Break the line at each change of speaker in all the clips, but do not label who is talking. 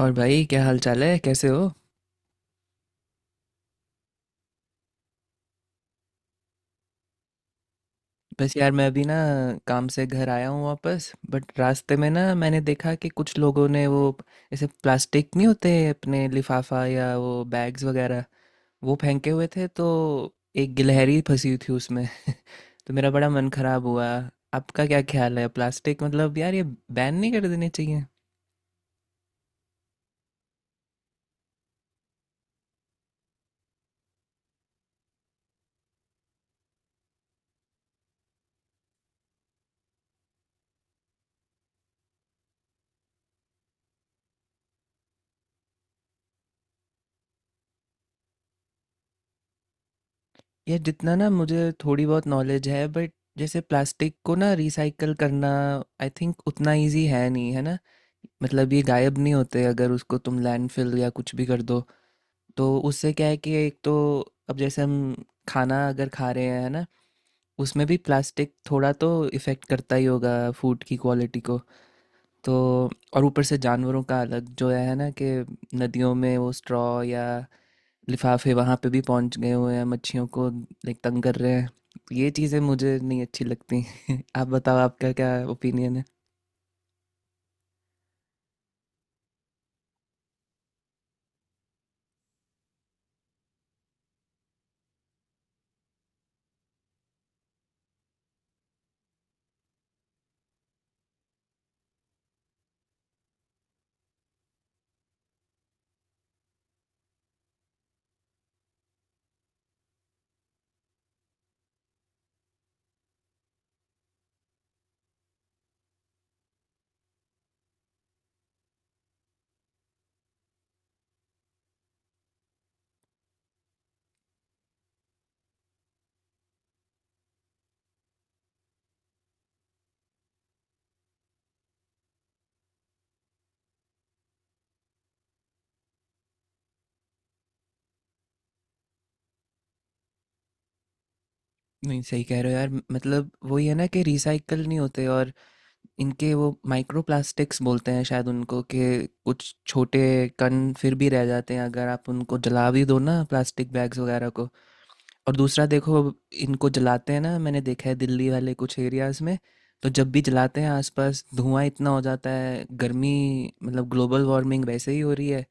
और भाई क्या हाल चाल है, कैसे हो? बस यार मैं अभी ना काम से घर आया हूँ वापस। बट रास्ते में ना मैंने देखा कि कुछ लोगों ने वो ऐसे प्लास्टिक नहीं होते अपने, लिफाफा या वो बैग्स वगैरह, वो फेंके हुए थे। तो एक गिलहरी फंसी हुई थी उसमें तो मेरा बड़ा मन खराब हुआ। आपका क्या ख्याल है, प्लास्टिक मतलब यार ये बैन नहीं कर देने चाहिए? ये जितना ना मुझे थोड़ी बहुत नॉलेज है, बट जैसे प्लास्टिक को ना रिसाइकल करना आई थिंक उतना इजी है नहीं, है ना। मतलब ये गायब नहीं होते, अगर उसको तुम लैंडफिल या कुछ भी कर दो। तो उससे क्या है कि एक तो अब जैसे हम खाना अगर खा रहे हैं, है ना, उसमें भी प्लास्टिक थोड़ा तो इफ़ेक्ट करता ही होगा फूड की क्वालिटी को। तो और ऊपर से जानवरों का अलग जो है ना, कि नदियों में वो स्ट्रॉ या लिफाफे वहाँ पे भी पहुँच गए हुए हैं, मच्छियों को लाइक तंग कर रहे हैं। ये चीज़ें मुझे नहीं अच्छी लगती आप बताओ, आपका क्या ओपिनियन है? नहीं, सही कह रहे हो यार। मतलब वही है ना, कि रिसाइकल नहीं होते, और इनके वो माइक्रो प्लास्टिक्स बोलते हैं शायद उनको, कि कुछ छोटे कण फिर भी रह जाते हैं अगर आप उनको जला भी दो ना प्लास्टिक बैग्स वगैरह को। और दूसरा देखो, इनको जलाते हैं ना, मैंने देखा है दिल्ली वाले कुछ एरियाज में। तो जब भी जलाते हैं आसपास धुआं इतना हो जाता है, गर्मी, मतलब ग्लोबल वार्मिंग वैसे ही हो रही है।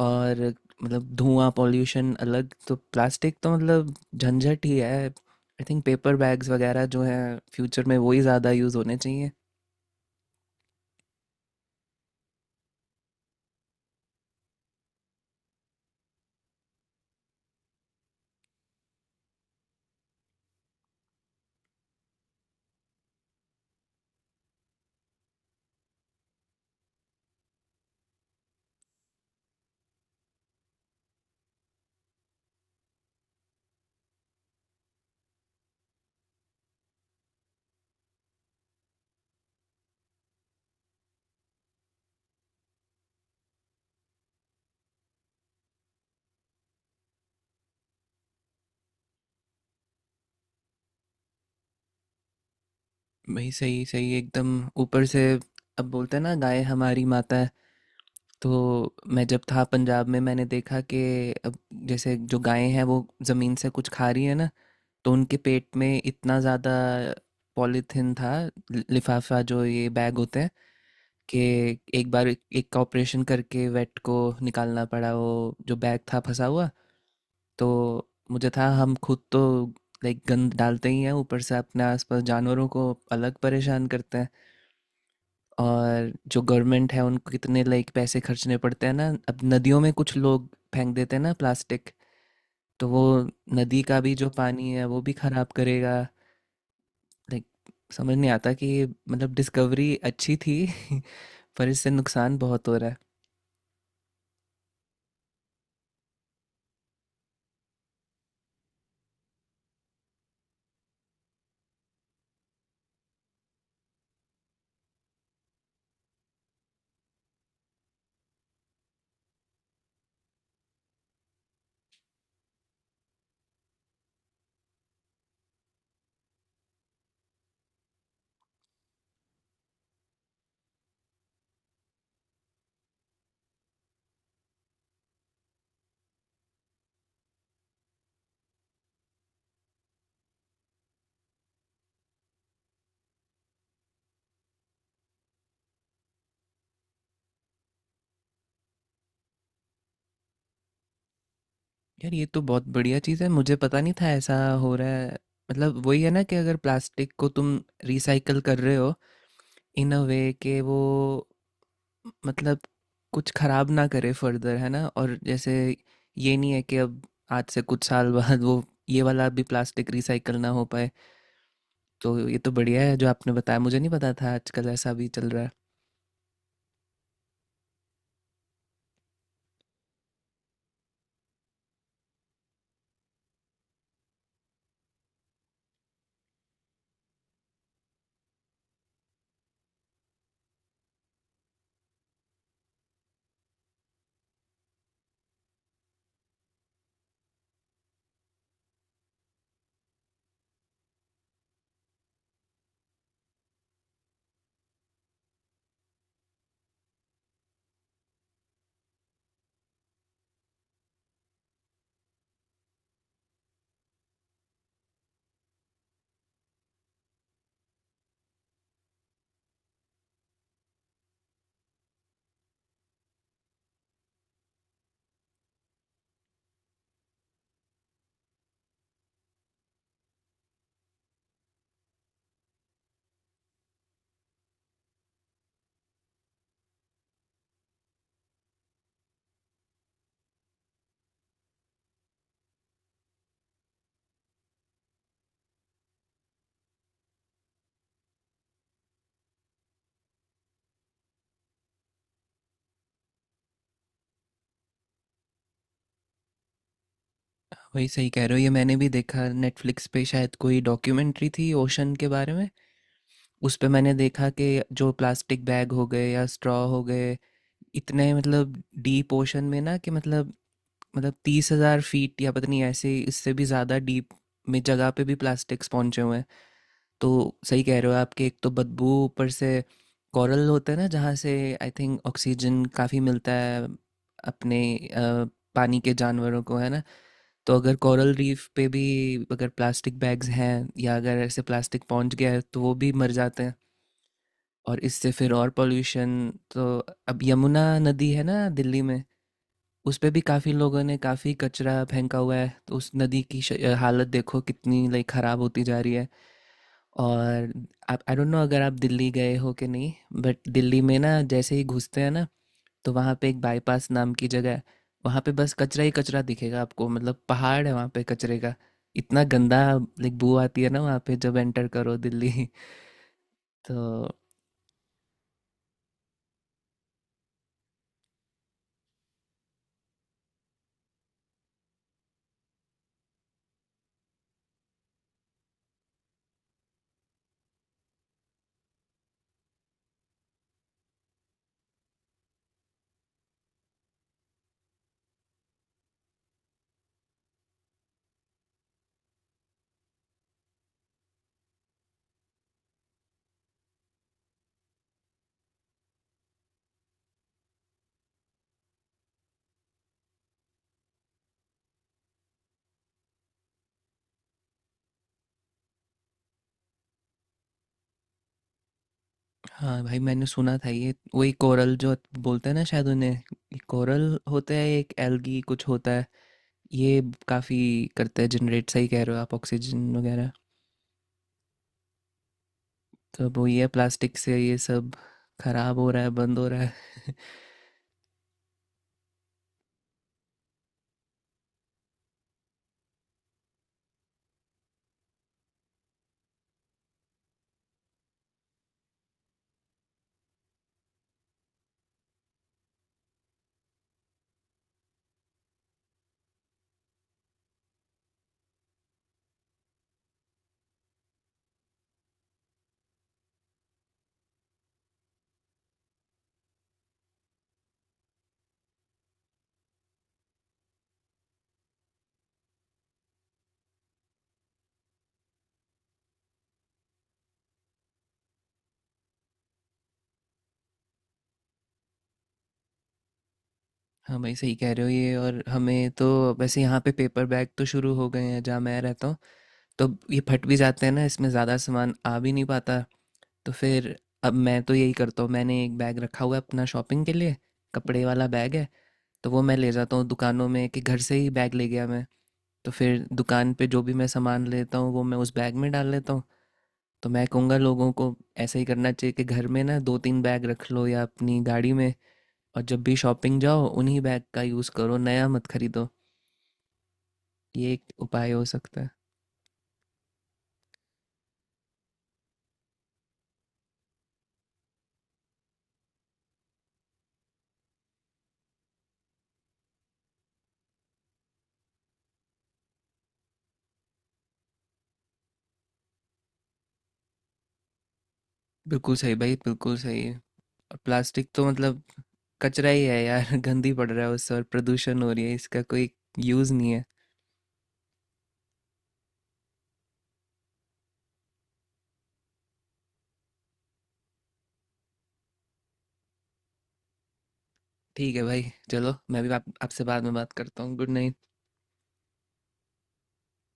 और मतलब धुआं पॉल्यूशन अलग, तो प्लास्टिक तो मतलब झंझट ही है। आई थिंक पेपर बैग्स वगैरह जो हैं फ्यूचर में वही ज़्यादा यूज़ होने चाहिए। वही, सही सही एकदम। ऊपर से अब बोलते हैं ना गाय हमारी माता है। तो मैं जब था पंजाब में, मैंने देखा कि अब जैसे जो गायें हैं वो ज़मीन से कुछ खा रही है ना, तो उनके पेट में इतना ज़्यादा पॉलीथिन था, लिफाफा जो ये बैग होते हैं, कि एक बार एक एक का ऑपरेशन करके वेट को निकालना पड़ा, वो जो बैग था फंसा हुआ। तो मुझे था हम खुद तो लाइक गंद डालते ही हैं, ऊपर से अपने आसपास जानवरों को अलग परेशान करते हैं। और जो गवर्नमेंट है उनको कितने लाइक पैसे खर्चने पड़ते हैं ना, अब नदियों में कुछ लोग फेंक देते हैं ना प्लास्टिक। तो वो नदी का भी जो पानी है वो भी खराब करेगा। लाइक, समझ नहीं आता कि ये, मतलब डिस्कवरी अच्छी थी पर इससे नुकसान बहुत हो रहा है। यार ये तो बहुत बढ़िया चीज़ है, मुझे पता नहीं था ऐसा हो रहा है। मतलब वही है ना, कि अगर प्लास्टिक को तुम रिसाइकल कर रहे हो इन अ वे के, वो मतलब कुछ खराब ना करे फर्दर, है ना। और जैसे ये नहीं है कि अब आज से कुछ साल बाद वो ये वाला भी प्लास्टिक रिसाइकल ना हो पाए। तो ये तो बढ़िया है जो आपने बताया, मुझे नहीं पता था आजकल ऐसा भी चल रहा है। वही, सही कह रहे हो। ये मैंने भी देखा नेटफ्लिक्स पे, शायद कोई डॉक्यूमेंट्री थी ओशन के बारे में। उस पे मैंने देखा कि जो प्लास्टिक बैग हो गए या स्ट्रॉ हो गए, इतने मतलब डीप ओशन में ना, कि मतलब 30,000 फीट या पता नहीं ऐसे इससे भी ज़्यादा डीप में जगह पे भी प्लास्टिक्स पहुंचे हुए हैं। तो सही कह रहे हो आपके, एक तो बदबू, ऊपर से कोरल होता है ना, जहाँ से आई थिंक ऑक्सीजन काफ़ी मिलता है अपने पानी के जानवरों को, है ना। तो अगर कोरल रीफ पे भी अगर प्लास्टिक बैग्स हैं या अगर ऐसे प्लास्टिक पहुंच गया है तो वो भी मर जाते हैं, और इससे फिर और पोल्यूशन। तो अब यमुना नदी है ना दिल्ली में, उस पे भी काफ़ी लोगों ने काफ़ी कचरा फेंका हुआ है, तो उस नदी की हालत देखो कितनी लाइक ख़राब होती जा रही है। और आप, आई डोंट नो अगर आप दिल्ली गए हो कि नहीं, बट दिल्ली में ना जैसे ही घुसते हैं ना तो वहाँ पे एक बाईपास नाम की जगह है। वहाँ पे बस कचरा ही कचरा दिखेगा आपको, मतलब पहाड़ है वहाँ पे कचरे का, इतना गंदा। लाइक बू आती है ना वहाँ पे जब एंटर करो दिल्ली तो हाँ भाई, मैंने सुना था ये वही कोरल जो बोलते हैं ना, शायद उन्हें कोरल होता है, एक एल्गी कुछ होता है। ये काफ़ी करता है जनरेट, सही कह रहे हो आप, ऑक्सीजन वगैरह। तो अब वही है, प्लास्टिक से ये सब खराब हो रहा है, बंद हो रहा है हाँ भाई, सही कह रहे हो ये। और हमें तो वैसे, यहाँ पे पेपर बैग तो शुरू हो गए हैं जहाँ मैं रहता हूँ। तो अब ये फट भी जाते हैं ना, इसमें ज़्यादा सामान आ भी नहीं पाता। तो फिर अब मैं तो यही करता हूँ, मैंने एक बैग रखा हुआ है अपना शॉपिंग के लिए, कपड़े वाला बैग है। तो वो मैं ले जाता हूँ दुकानों में, कि घर से ही बैग ले गया मैं। तो फिर दुकान पे जो भी मैं सामान लेता हूँ वो मैं उस बैग में डाल लेता हूँ। तो मैं कहूँगा लोगों को ऐसा ही करना चाहिए, कि घर में ना दो तीन बैग रख लो या अपनी गाड़ी में, और जब भी शॉपिंग जाओ उन्हीं बैग का यूज़ करो, नया मत खरीदो। ये एक उपाय हो सकता है। बिल्कुल सही भाई, बिल्कुल सही है। और प्लास्टिक तो मतलब कचरा ही है यार गंदी पड़ रहा है उससे और प्रदूषण हो रही है, इसका कोई यूज़ नहीं है। ठीक है भाई, चलो मैं भी आप आपसे बाद में बात करता हूँ। Good night.